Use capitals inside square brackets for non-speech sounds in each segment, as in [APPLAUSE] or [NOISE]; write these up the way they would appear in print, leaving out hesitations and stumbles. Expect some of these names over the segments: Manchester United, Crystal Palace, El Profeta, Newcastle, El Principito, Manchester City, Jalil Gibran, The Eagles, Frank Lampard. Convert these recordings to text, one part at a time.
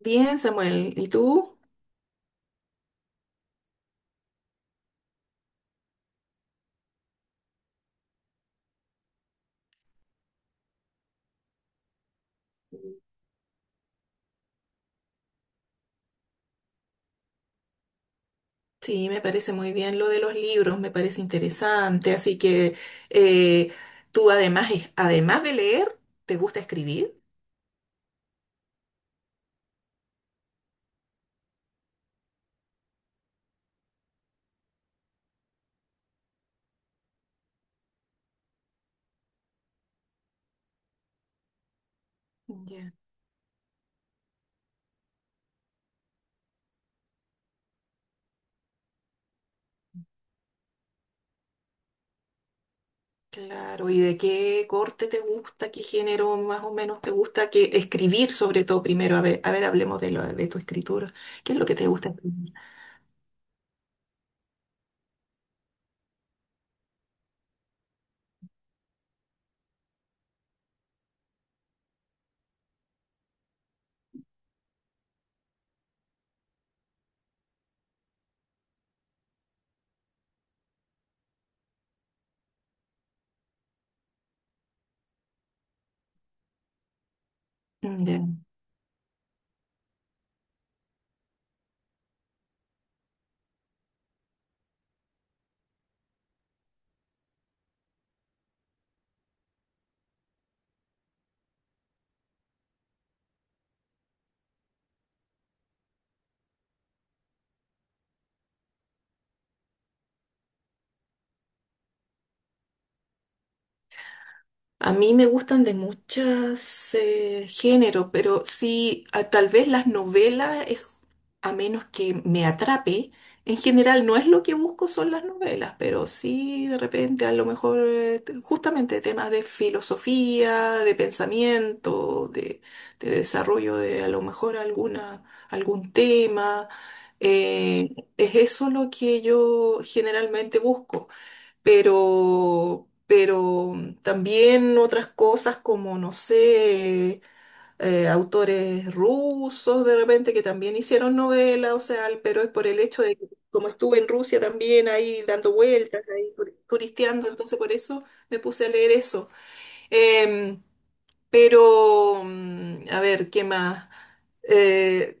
Bien, Samuel, ¿y tú? Sí, me parece muy bien lo de los libros, me parece interesante, así que eh, tú además, además de leer, ¿te gusta escribir? Ya. Claro, ¿y de qué corte te gusta, qué género más o menos te gusta, que escribir sobre todo primero? A ver, hablemos de tu escritura. ¿Qué es lo que te gusta escribir? A mí me gustan de muchos géneros, pero sí, tal vez las novelas, a menos que me atrape, en general no es lo que busco son las novelas, pero sí de repente a lo mejor justamente temas de filosofía, de pensamiento, de desarrollo de a lo mejor algún tema. eh, es eso lo que yo generalmente busco, pero también otras cosas como, no sé, autores rusos de repente que también hicieron novelas, o sea, pero es por el hecho de que como estuve en Rusia también ahí dando vueltas, ahí turisteando, entonces por eso me puse a leer eso. Em, pero, a ver, ¿qué más? Eh,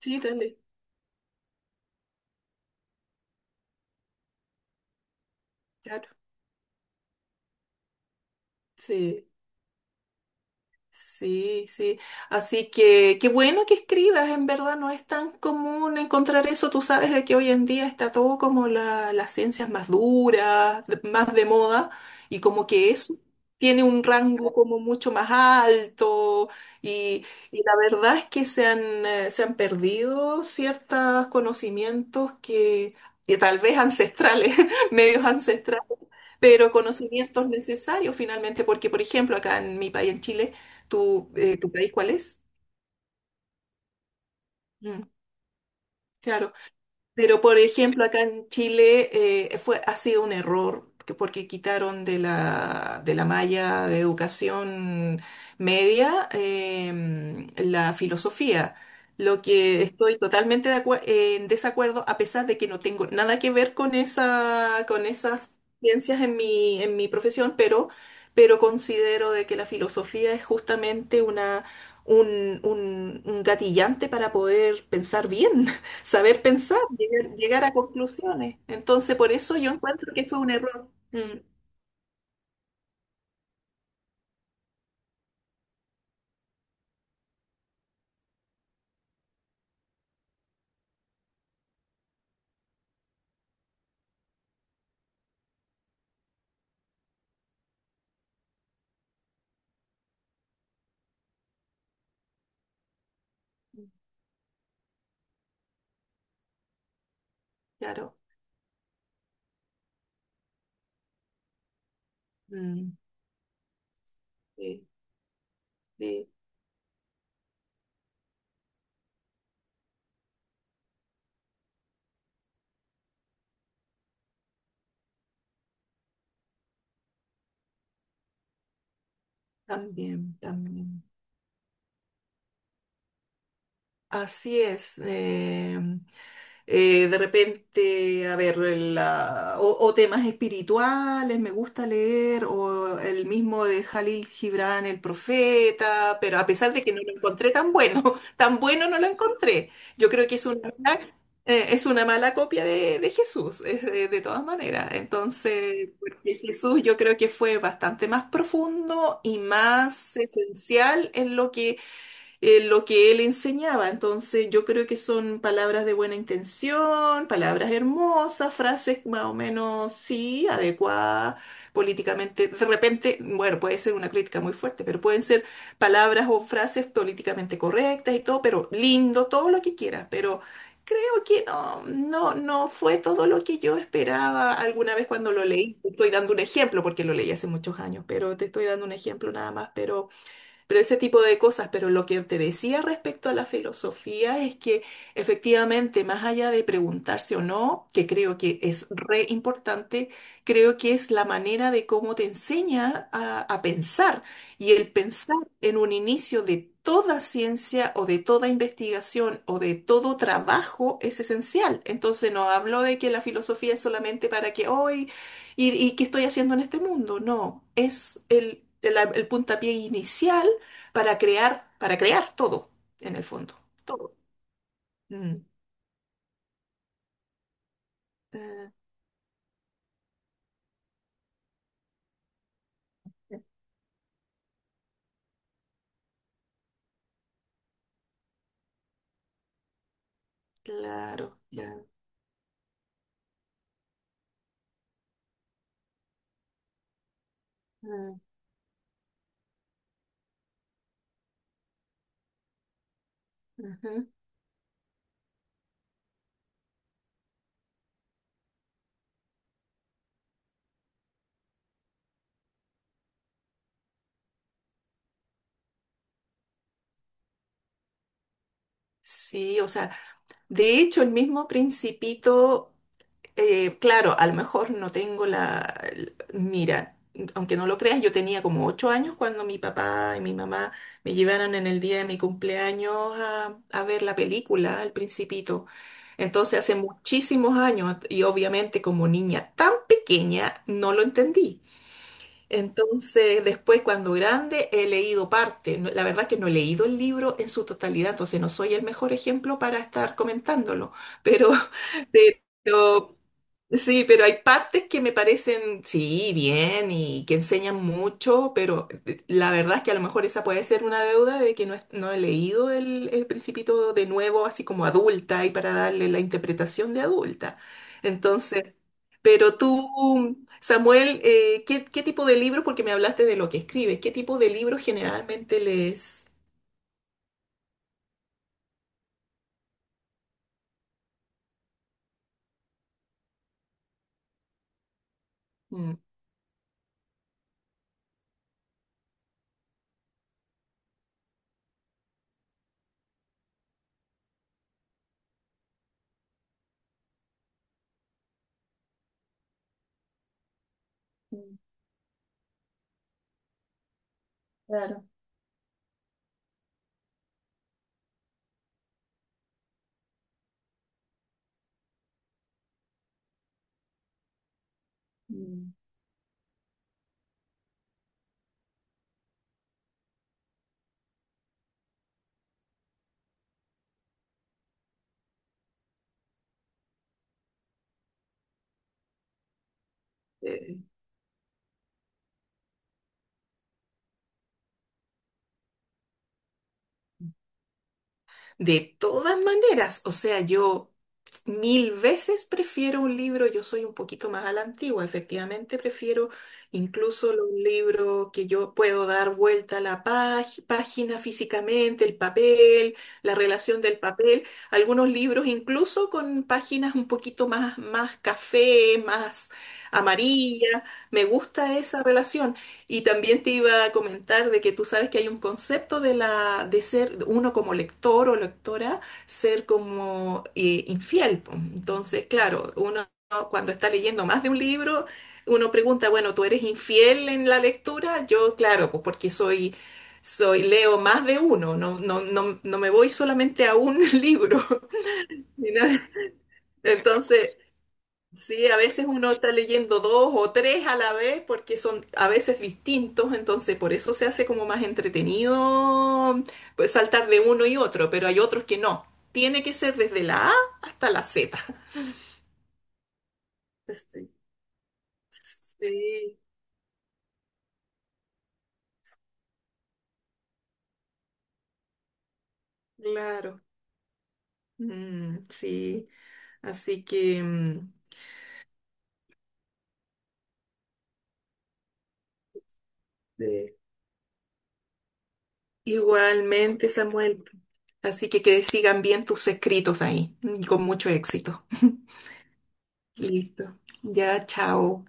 sí, dale. Claro, sí. Sí, sí. Así que qué bueno que escribas, en verdad no es tan común encontrar eso. Tú sabes de que hoy en día está todo como las ciencias más duras, más de moda, y como que eso tiene un rango como mucho más alto, y, y la verdad es que se han perdido ciertos conocimientos que tal vez ancestrales, [LAUGHS] medios ancestrales, pero conocimientos necesarios finalmente, porque por ejemplo acá en mi país, en Chile. ¿Tu país cuál es? Mm, claro. Pero, por ejemplo, acá en Chile ha sido un error porque quitaron de la malla de educación media, la filosofía. Lo que estoy totalmente en desacuerdo, a pesar de que no tengo nada que ver con con esas ciencias en mi profesión, pero considero de que la filosofía es justamente una, un gatillante para poder pensar bien. Saber pensar, llegar a conclusiones. Entonces, por eso yo encuentro que fue un error. Mm, claro. Mm, sí, sí, también, también. Así es. De repente, a ver, o temas espirituales, me gusta leer, o el mismo de Jalil Gibran, El Profeta, pero a pesar de que no lo encontré tan bueno, [LAUGHS] tan bueno no lo encontré. Yo creo que es una mala copia de Jesús, de todas maneras. Entonces, porque Jesús yo creo que fue bastante más profundo y más esencial en lo que él enseñaba. Entonces, yo creo que son palabras de buena intención, palabras hermosas, frases más o menos, sí, adecuadas políticamente. De repente, bueno, puede ser una crítica muy fuerte, pero pueden ser palabras o frases políticamente correctas y todo, pero lindo, todo lo que quieras, pero. Creo que no, no, no fue todo lo que yo esperaba alguna vez cuando lo leí. Te estoy dando un ejemplo porque lo leí hace muchos años, pero te estoy dando un ejemplo nada más. Pero ese tipo de cosas. Pero lo que te decía respecto a la filosofía es que efectivamente, más allá de preguntarse o no, que creo que es re importante, creo que es la manera de cómo te enseña a pensar. Y el pensar en un inicio de toda ciencia o de toda investigación o de todo trabajo es esencial. Entonces no hablo de que la filosofía es solamente para que hoy y qué estoy haciendo en este mundo. No, es el puntapié inicial para crear todo, en el fondo, todo. Mm. eh, claro, ya. Mm. Ujú. Sí, o sea, de hecho el mismo Principito. Claro, a lo mejor no tengo. Mira, aunque no lo creas, yo tenía como 8 años cuando mi papá y mi mamá me llevaron en el día de mi cumpleaños a ver la película, El Principito. Entonces hace muchísimos años y obviamente como niña tan pequeña no lo entendí. Entonces, después, cuando grande, he leído parte. La verdad que no he leído el libro en su totalidad, entonces no soy el mejor ejemplo para estar comentándolo, pero, [LAUGHS] pero. Sí, pero hay partes que me parecen, sí, bien y que enseñan mucho, pero la verdad es que a lo mejor esa puede ser una deuda de que no, no he leído el Principito de nuevo, así como adulta, y para darle la interpretación de adulta. Entonces, pero tú, Samuel, qué tipo de libros, porque me hablaste de lo que escribes, qué tipo de libros generalmente lees? Mm. eh, De todas maneras, o sea, yo. Mil veces prefiero un libro, yo soy un poquito más a la antigua, efectivamente prefiero incluso los libros que yo puedo dar vuelta a la página físicamente, el papel, la relación del papel, algunos libros incluso con páginas un poquito más, café, más amarilla, me gusta esa relación. Y también te iba a comentar de que tú sabes que hay un concepto de ser uno como lector o lectora, ser como infiel po. Entonces, claro, uno cuando está leyendo más de un libro, uno pregunta, bueno, ¿tú eres infiel en la lectura? Yo, claro, pues porque soy, leo más de uno, no, no, no, no me voy solamente a un [LAUGHS] libro ni nada. Entonces, sí, a veces uno está leyendo dos o tres a la vez porque son a veces distintos, entonces por eso se hace como más entretenido pues, saltar de uno y otro, pero hay otros que no. Tiene que ser desde la A hasta la Z. Sí, sí, claro. Mm, sí, así que sí. Igualmente, Samuel. Así que sigan bien tus escritos ahí y con mucho éxito. Listo. Ya, chao.